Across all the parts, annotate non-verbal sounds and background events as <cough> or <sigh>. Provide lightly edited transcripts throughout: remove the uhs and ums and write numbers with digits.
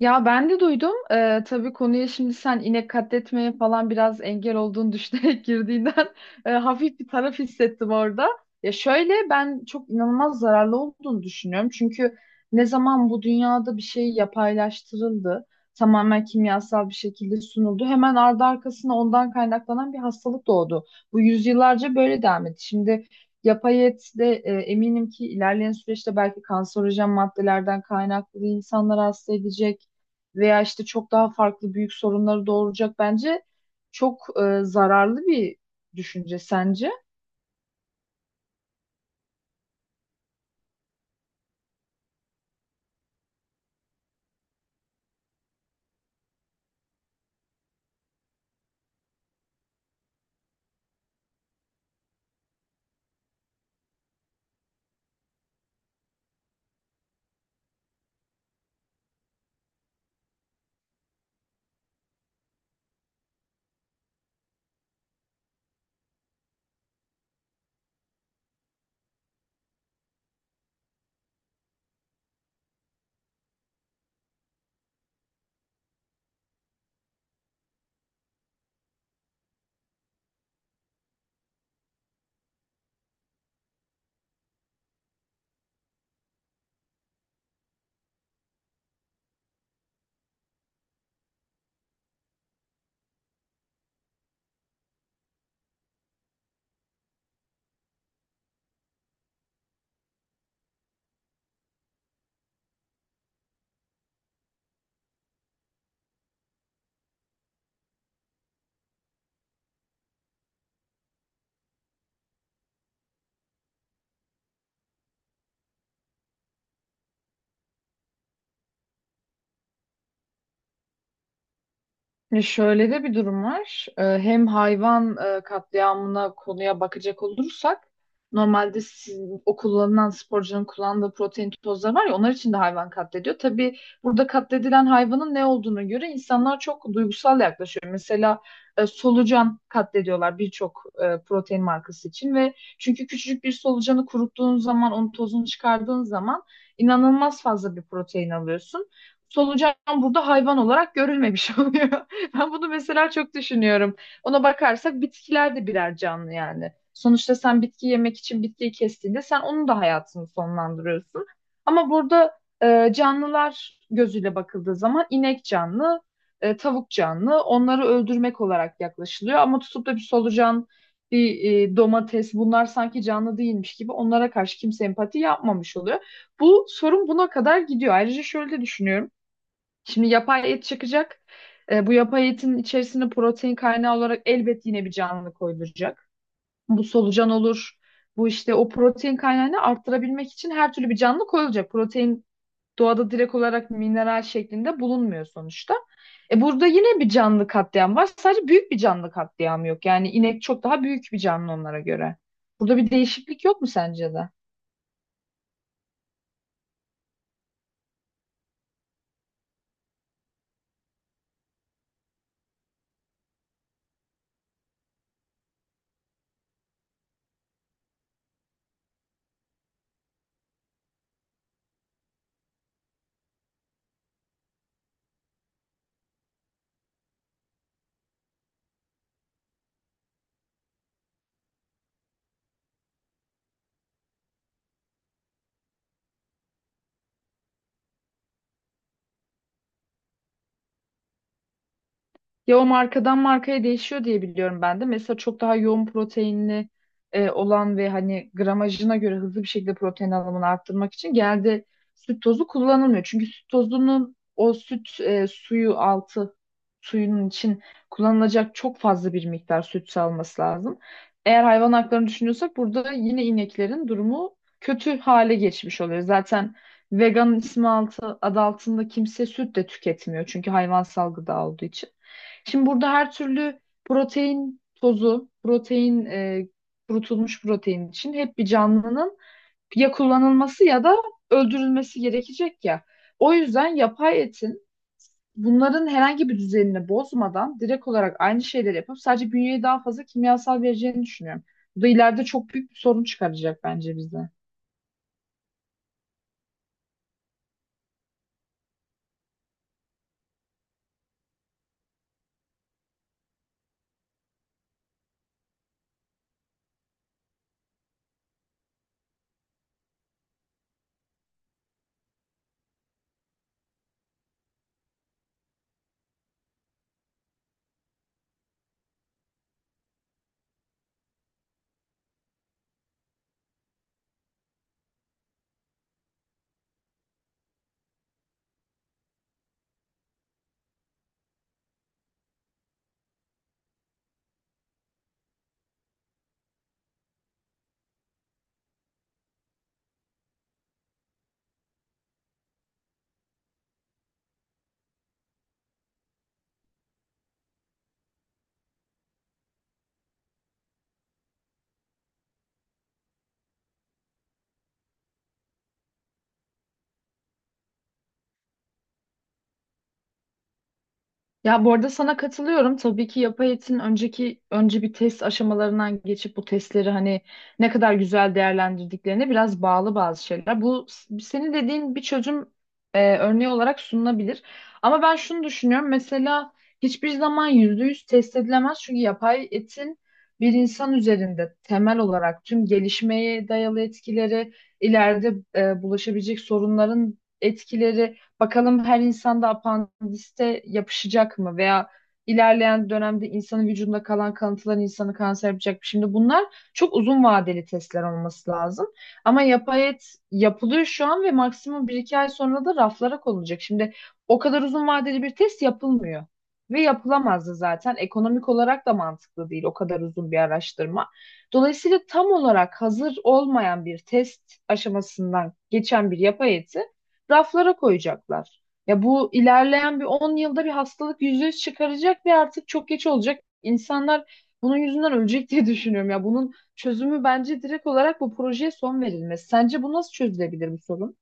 Ya ben de duydum. Tabii konuya şimdi sen inek katletmeye falan biraz engel olduğunu düşünerek <laughs> girdiğinden hafif bir taraf hissettim orada. Ya şöyle ben çok inanılmaz zararlı olduğunu düşünüyorum. Çünkü ne zaman bu dünyada bir şey yapaylaştırıldı, tamamen kimyasal bir şekilde sunuldu, hemen ardı arkasına ondan kaynaklanan bir hastalık doğdu. Bu yüzyıllarca böyle devam etti. Şimdi yapay et de eminim ki ilerleyen süreçte belki kanserojen maddelerden kaynaklı insanlar hasta edecek veya işte çok daha farklı büyük sorunları doğuracak bence çok zararlı bir düşünce sence? Şöyle de bir durum var. Hem hayvan katliamına konuya bakacak olursak normalde sizin, o kullanılan sporcunun kullandığı protein tozları var ya onlar için de hayvan katlediyor. Tabii burada katledilen hayvanın ne olduğunu göre insanlar çok duygusal yaklaşıyor. Mesela solucan katlediyorlar birçok protein markası için ve çünkü küçücük bir solucanı kuruttuğun zaman onun tozunu çıkardığın zaman inanılmaz fazla bir protein alıyorsun. Solucan burada hayvan olarak görülmemiş <laughs> oluyor. <laughs> Ben bunu mesela çok düşünüyorum. Ona bakarsak bitkiler de birer canlı yani. Sonuçta sen bitki yemek için bitkiyi kestiğinde sen onun da hayatını sonlandırıyorsun. Ama burada canlılar gözüyle bakıldığı zaman inek canlı, tavuk canlı. Onları öldürmek olarak yaklaşılıyor. Ama tutup da bir solucan, bir domates bunlar sanki canlı değilmiş gibi onlara karşı kimse empati yapmamış oluyor. Bu sorun buna kadar gidiyor. Ayrıca şöyle de düşünüyorum. Şimdi yapay et çıkacak. Bu yapay etin içerisine protein kaynağı olarak elbet yine bir canlı koyulacak. Bu solucan olur. Bu işte o protein kaynağını arttırabilmek için her türlü bir canlı koyulacak. Protein doğada direkt olarak mineral şeklinde bulunmuyor sonuçta. Burada yine bir canlı katliam var. Sadece büyük bir canlı katliamı yok. Yani inek çok daha büyük bir canlı onlara göre. Burada bir değişiklik yok mu sence de? Ya o markadan markaya değişiyor diye biliyorum ben de. Mesela çok daha yoğun proteinli olan ve hani gramajına göre hızlı bir şekilde protein alımını arttırmak için genelde süt tozu kullanılmıyor. Çünkü süt tozunun o süt suyu altı suyunun için kullanılacak çok fazla bir miktar süt salması lazım. Eğer hayvan haklarını düşünüyorsak burada yine ineklerin durumu kötü hale geçmiş oluyor. Zaten vegan ismi altı, adı altında kimse süt de tüketmiyor çünkü hayvansal gıda olduğu için. Şimdi burada her türlü protein tozu, protein kurutulmuş protein için hep bir canlının ya kullanılması ya da öldürülmesi gerekecek ya. O yüzden yapay etin bunların herhangi bir düzenini bozmadan direkt olarak aynı şeyleri yapıp sadece bünyeye daha fazla kimyasal vereceğini düşünüyorum. Bu da ileride çok büyük bir sorun çıkaracak bence bize. Ya bu arada sana katılıyorum. Tabii ki yapay etin önce bir test aşamalarından geçip bu testleri hani ne kadar güzel değerlendirdiklerine biraz bağlı bazı şeyler. Bu senin dediğin bir çözüm örneği olarak sunulabilir. Ama ben şunu düşünüyorum. Mesela hiçbir zaman yüzde yüz test edilemez. Çünkü yapay etin bir insan üzerinde temel olarak tüm gelişmeye dayalı etkileri, ileride bulaşabilecek sorunların etkileri. Bakalım her insanda apandiste yapışacak mı veya ilerleyen dönemde insanın vücudunda kalan kalıntılar insanı kanser yapacak mı? Şimdi bunlar çok uzun vadeli testler olması lazım. Ama yapay et yapılıyor şu an ve maksimum bir iki ay sonra da raflara konulacak. Şimdi o kadar uzun vadeli bir test yapılmıyor. Ve yapılamazdı zaten. Ekonomik olarak da mantıklı değil o kadar uzun bir araştırma. Dolayısıyla tam olarak hazır olmayan bir test aşamasından geçen bir yapay eti raflara koyacaklar. Ya bu ilerleyen bir 10 yılda bir hastalık yüzde yüz çıkaracak ve artık çok geç olacak. İnsanlar bunun yüzünden ölecek diye <laughs> düşünüyorum. Ya bunun çözümü bence direkt olarak bu projeye son verilmesi. Sence bu nasıl çözülebilir bu sorun?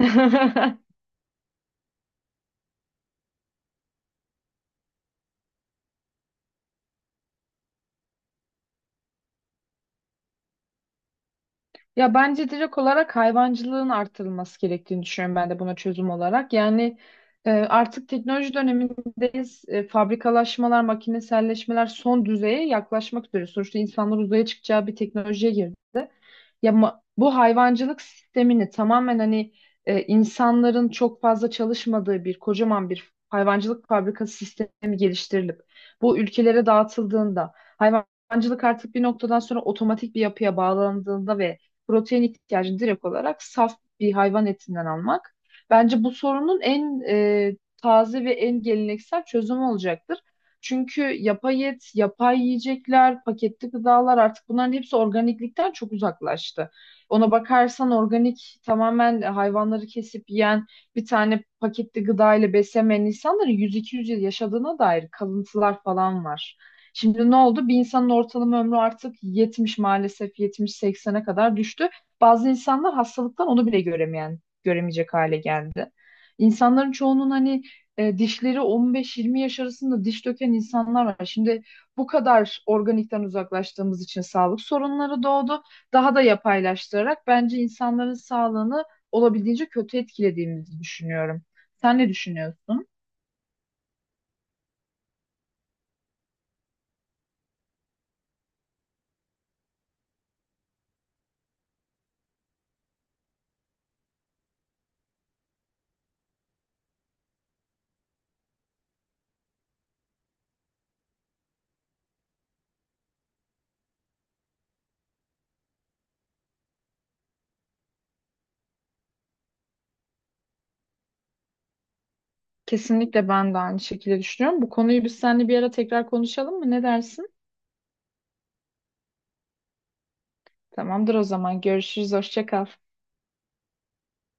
<laughs> Ya bence direkt olarak hayvancılığın artırılması gerektiğini düşünüyorum ben de buna çözüm olarak. Yani artık teknoloji dönemindeyiz. Fabrikalaşmalar, makineselleşmeler son düzeye yaklaşmak üzere. Sonuçta insanlar uzaya çıkacağı bir teknolojiye girdi. Bu hayvancılık sistemini tamamen hani insanların çok fazla çalışmadığı bir kocaman bir hayvancılık fabrikası sistemi geliştirilip bu ülkelere dağıtıldığında hayvancılık artık bir noktadan sonra otomatik bir yapıya bağlandığında ve protein ihtiyacını direkt olarak saf bir hayvan etinden almak bence bu sorunun en taze ve en geleneksel çözümü olacaktır. Çünkü yapay et, yapay yiyecekler, paketli gıdalar artık bunların hepsi organiklikten çok uzaklaştı. Ona bakarsan organik tamamen hayvanları kesip yiyen bir tane paketli gıda ile beslemeyen insanların 100-200 yıl yaşadığına dair kalıntılar falan var. Şimdi ne oldu? Bir insanın ortalama ömrü artık 70 maalesef 70-80'e kadar düştü. Bazı insanlar hastalıktan onu bile göremeyen, göremeyecek hale geldi. İnsanların çoğunun hani dişleri 15-20 yaş arasında diş döken insanlar var. Şimdi bu kadar organikten uzaklaştığımız için sağlık sorunları doğdu. Daha da yapaylaştırarak bence insanların sağlığını olabildiğince kötü etkilediğimizi düşünüyorum. Sen ne düşünüyorsun? Kesinlikle ben de aynı şekilde düşünüyorum. Bu konuyu biz seninle bir ara tekrar konuşalım mı? Ne dersin? Tamamdır o zaman. Görüşürüz. Hoşça kal.